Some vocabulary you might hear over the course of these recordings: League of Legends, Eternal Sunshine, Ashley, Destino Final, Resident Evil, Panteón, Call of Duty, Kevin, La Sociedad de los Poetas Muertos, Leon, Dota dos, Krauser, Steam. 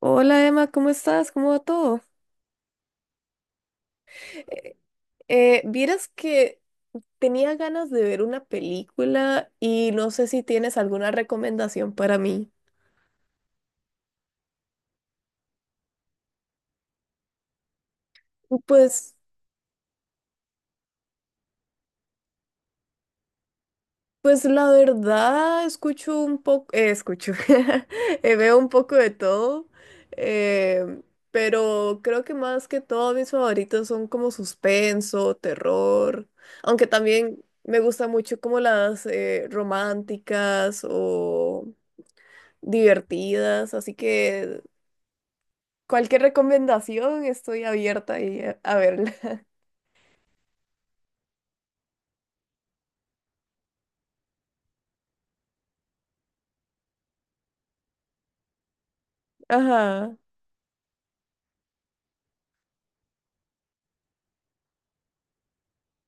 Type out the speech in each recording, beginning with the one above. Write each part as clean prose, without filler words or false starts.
Hola Emma, ¿cómo estás? ¿Cómo va todo? Eh, vieras que tenía ganas de ver una película y no sé si tienes alguna recomendación para mí. Pues, pues la verdad, escucho un poco, escucho, veo un poco de todo, eh, pero creo que más que todo mis favoritos son como suspenso, terror, aunque también me gusta mucho como las románticas o divertidas, así que cualquier recomendación estoy abierta y a verla. Ajá,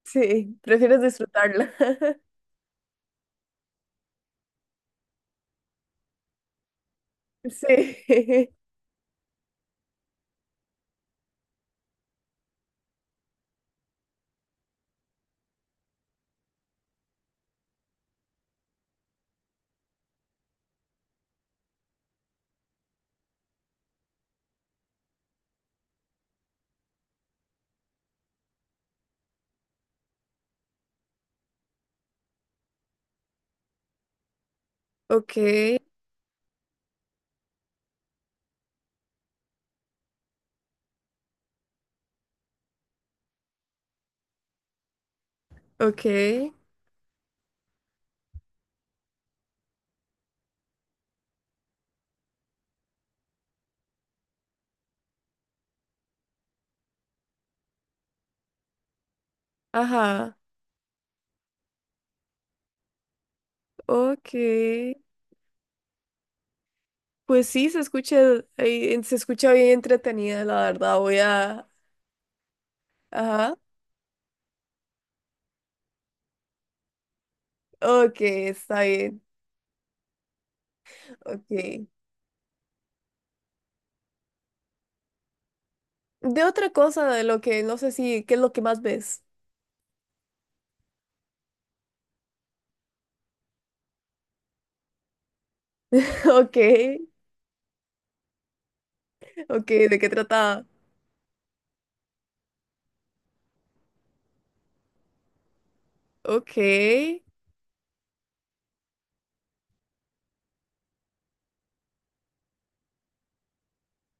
sí, prefieres disfrutarla. Sí. Ok, ok, ajá, ok. Pues sí, se escucha bien entretenida, la verdad. Voy a, ajá, ok, está bien, ok. De otra cosa, de lo que no sé si, ¿qué es lo que más ves? Ok, ok, ¿de qué trataba? Ok.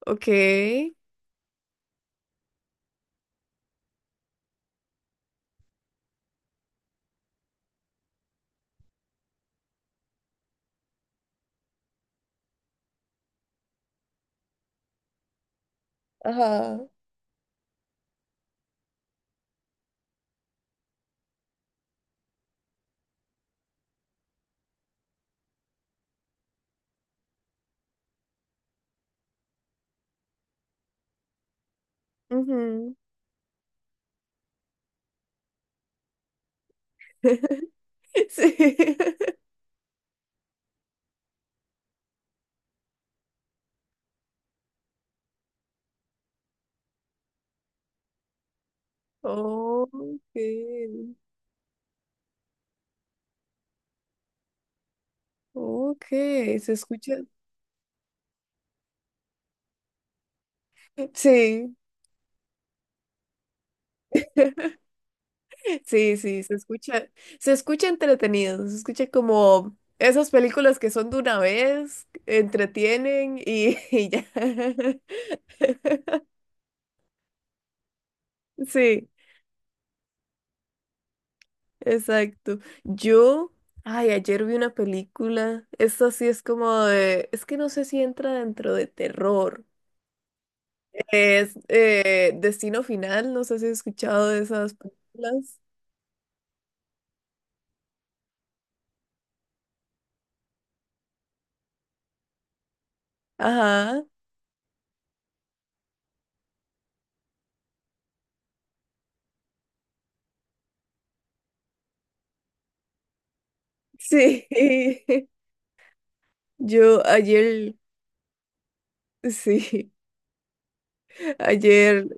Ok. Ajá. Ujú. Sí. Okay. Ok, se escucha. Sí, sí, sí, se escucha. Se escucha entretenido, se escucha como esas películas que son de una vez, entretienen y, y ya. Sí, exacto. Yo, ay, ayer vi una película. Esta sí es como de, es que no sé si entra dentro de terror. Es Destino Final, no sé si has escuchado de esas películas. Ajá, sí. Yo ayer, sí, ayer,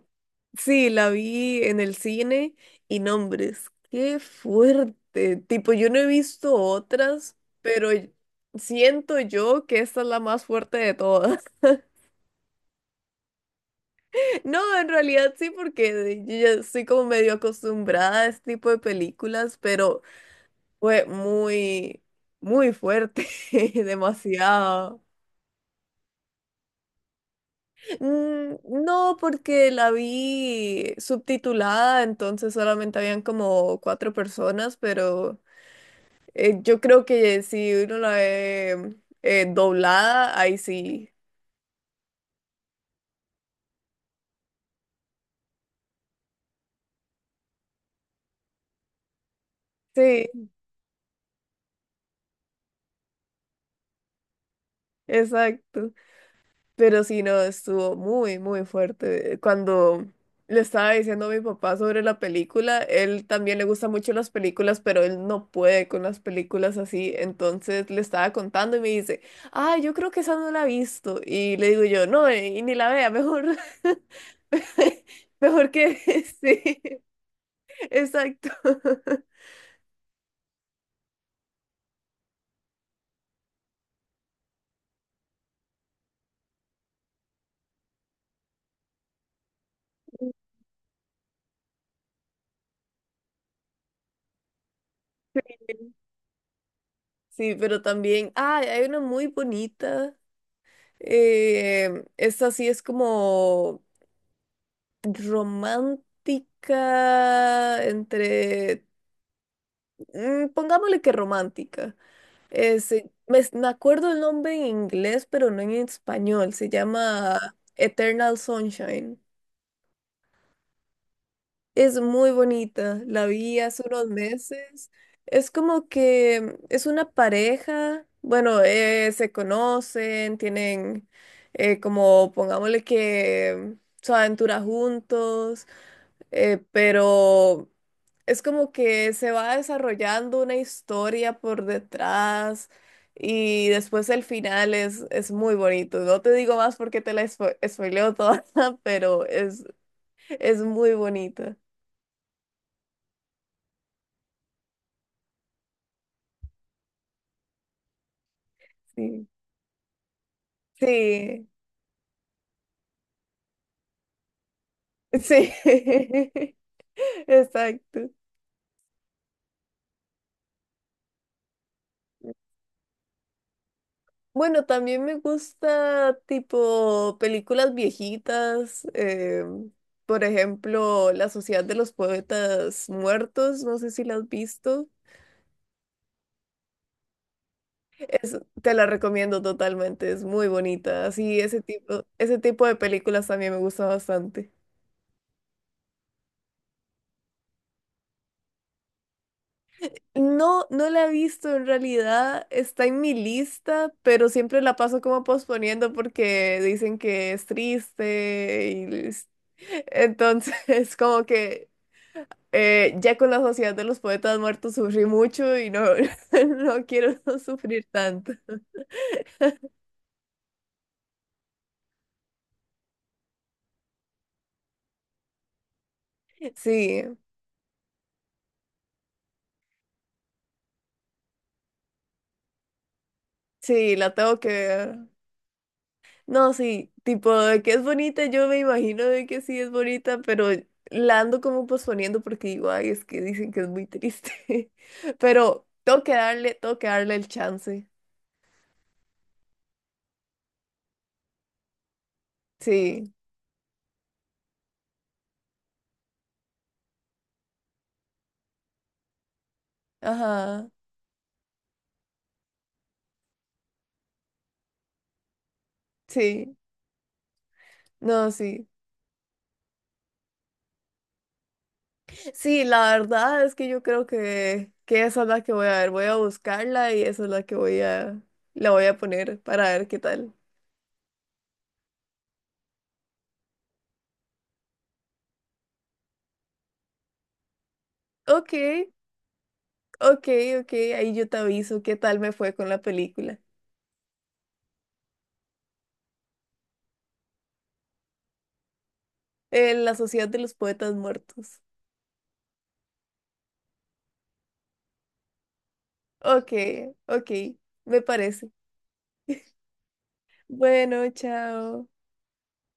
sí, la vi en el cine y nombres, qué fuerte. Tipo, yo no he visto otras, pero siento yo que esta es la más fuerte de todas. No, en realidad sí, porque yo ya estoy como medio acostumbrada a este tipo de películas, pero fue muy, muy fuerte, demasiado. Mm, no, porque la vi subtitulada, entonces solamente habían como cuatro personas, pero yo creo que si uno la ve doblada, ahí sí. Sí, exacto. Pero sí, no, estuvo muy, muy fuerte. Cuando le estaba diciendo a mi papá sobre la película, él también le gusta mucho las películas, pero él no puede con las películas así. Entonces le estaba contando y me dice, ah, yo creo que esa no la he visto. Y le digo yo, no, y ni la vea, mejor, mejor que, sí, exacto. Sí, pero también, ah, hay una muy bonita. Esta sí es como romántica entre, mm, pongámosle que romántica. Me acuerdo el nombre en inglés, pero no en español. Se llama Eternal Sunshine. Es muy bonita. La vi hace unos meses. Es como que mm, es una pareja. Bueno, se conocen, tienen como, pongámosle que mm, su aventura juntos. Pero es como que se va desarrollando una historia por detrás y después el final es muy bonito. No te digo más porque te la spoileo toda, pero es muy bonito. Sí, sí, sí, exacto. Bueno, también me gusta tipo películas viejitas, por ejemplo, La Sociedad de los Poetas Muertos, no sé si la has visto, es, te la recomiendo totalmente, es muy bonita, así ese tipo de películas también me gusta bastante. No, no la he visto en realidad, está en mi lista, pero siempre la paso como posponiendo porque dicen que es triste y entonces como que... ya con la Sociedad de los Poetas Muertos sufrí mucho y no, no quiero sufrir tanto. Sí, sí, la tengo que ver. No, sí, tipo de que es bonita, yo me imagino de que sí es bonita, pero la ando como posponiendo porque digo, ay, es que dicen que es muy triste. Pero tengo que darle el chance. Sí, ajá, sí, no, sí. Sí, la verdad es que yo creo que esa es la que voy a ver. Voy a buscarla y esa es la que voy a, la voy a poner para ver qué tal. Ok, ok, ok, ahí yo te aviso qué tal me fue con la película. La Sociedad de los Poetas Muertos. Ok, ok, me parece. Bueno, chao.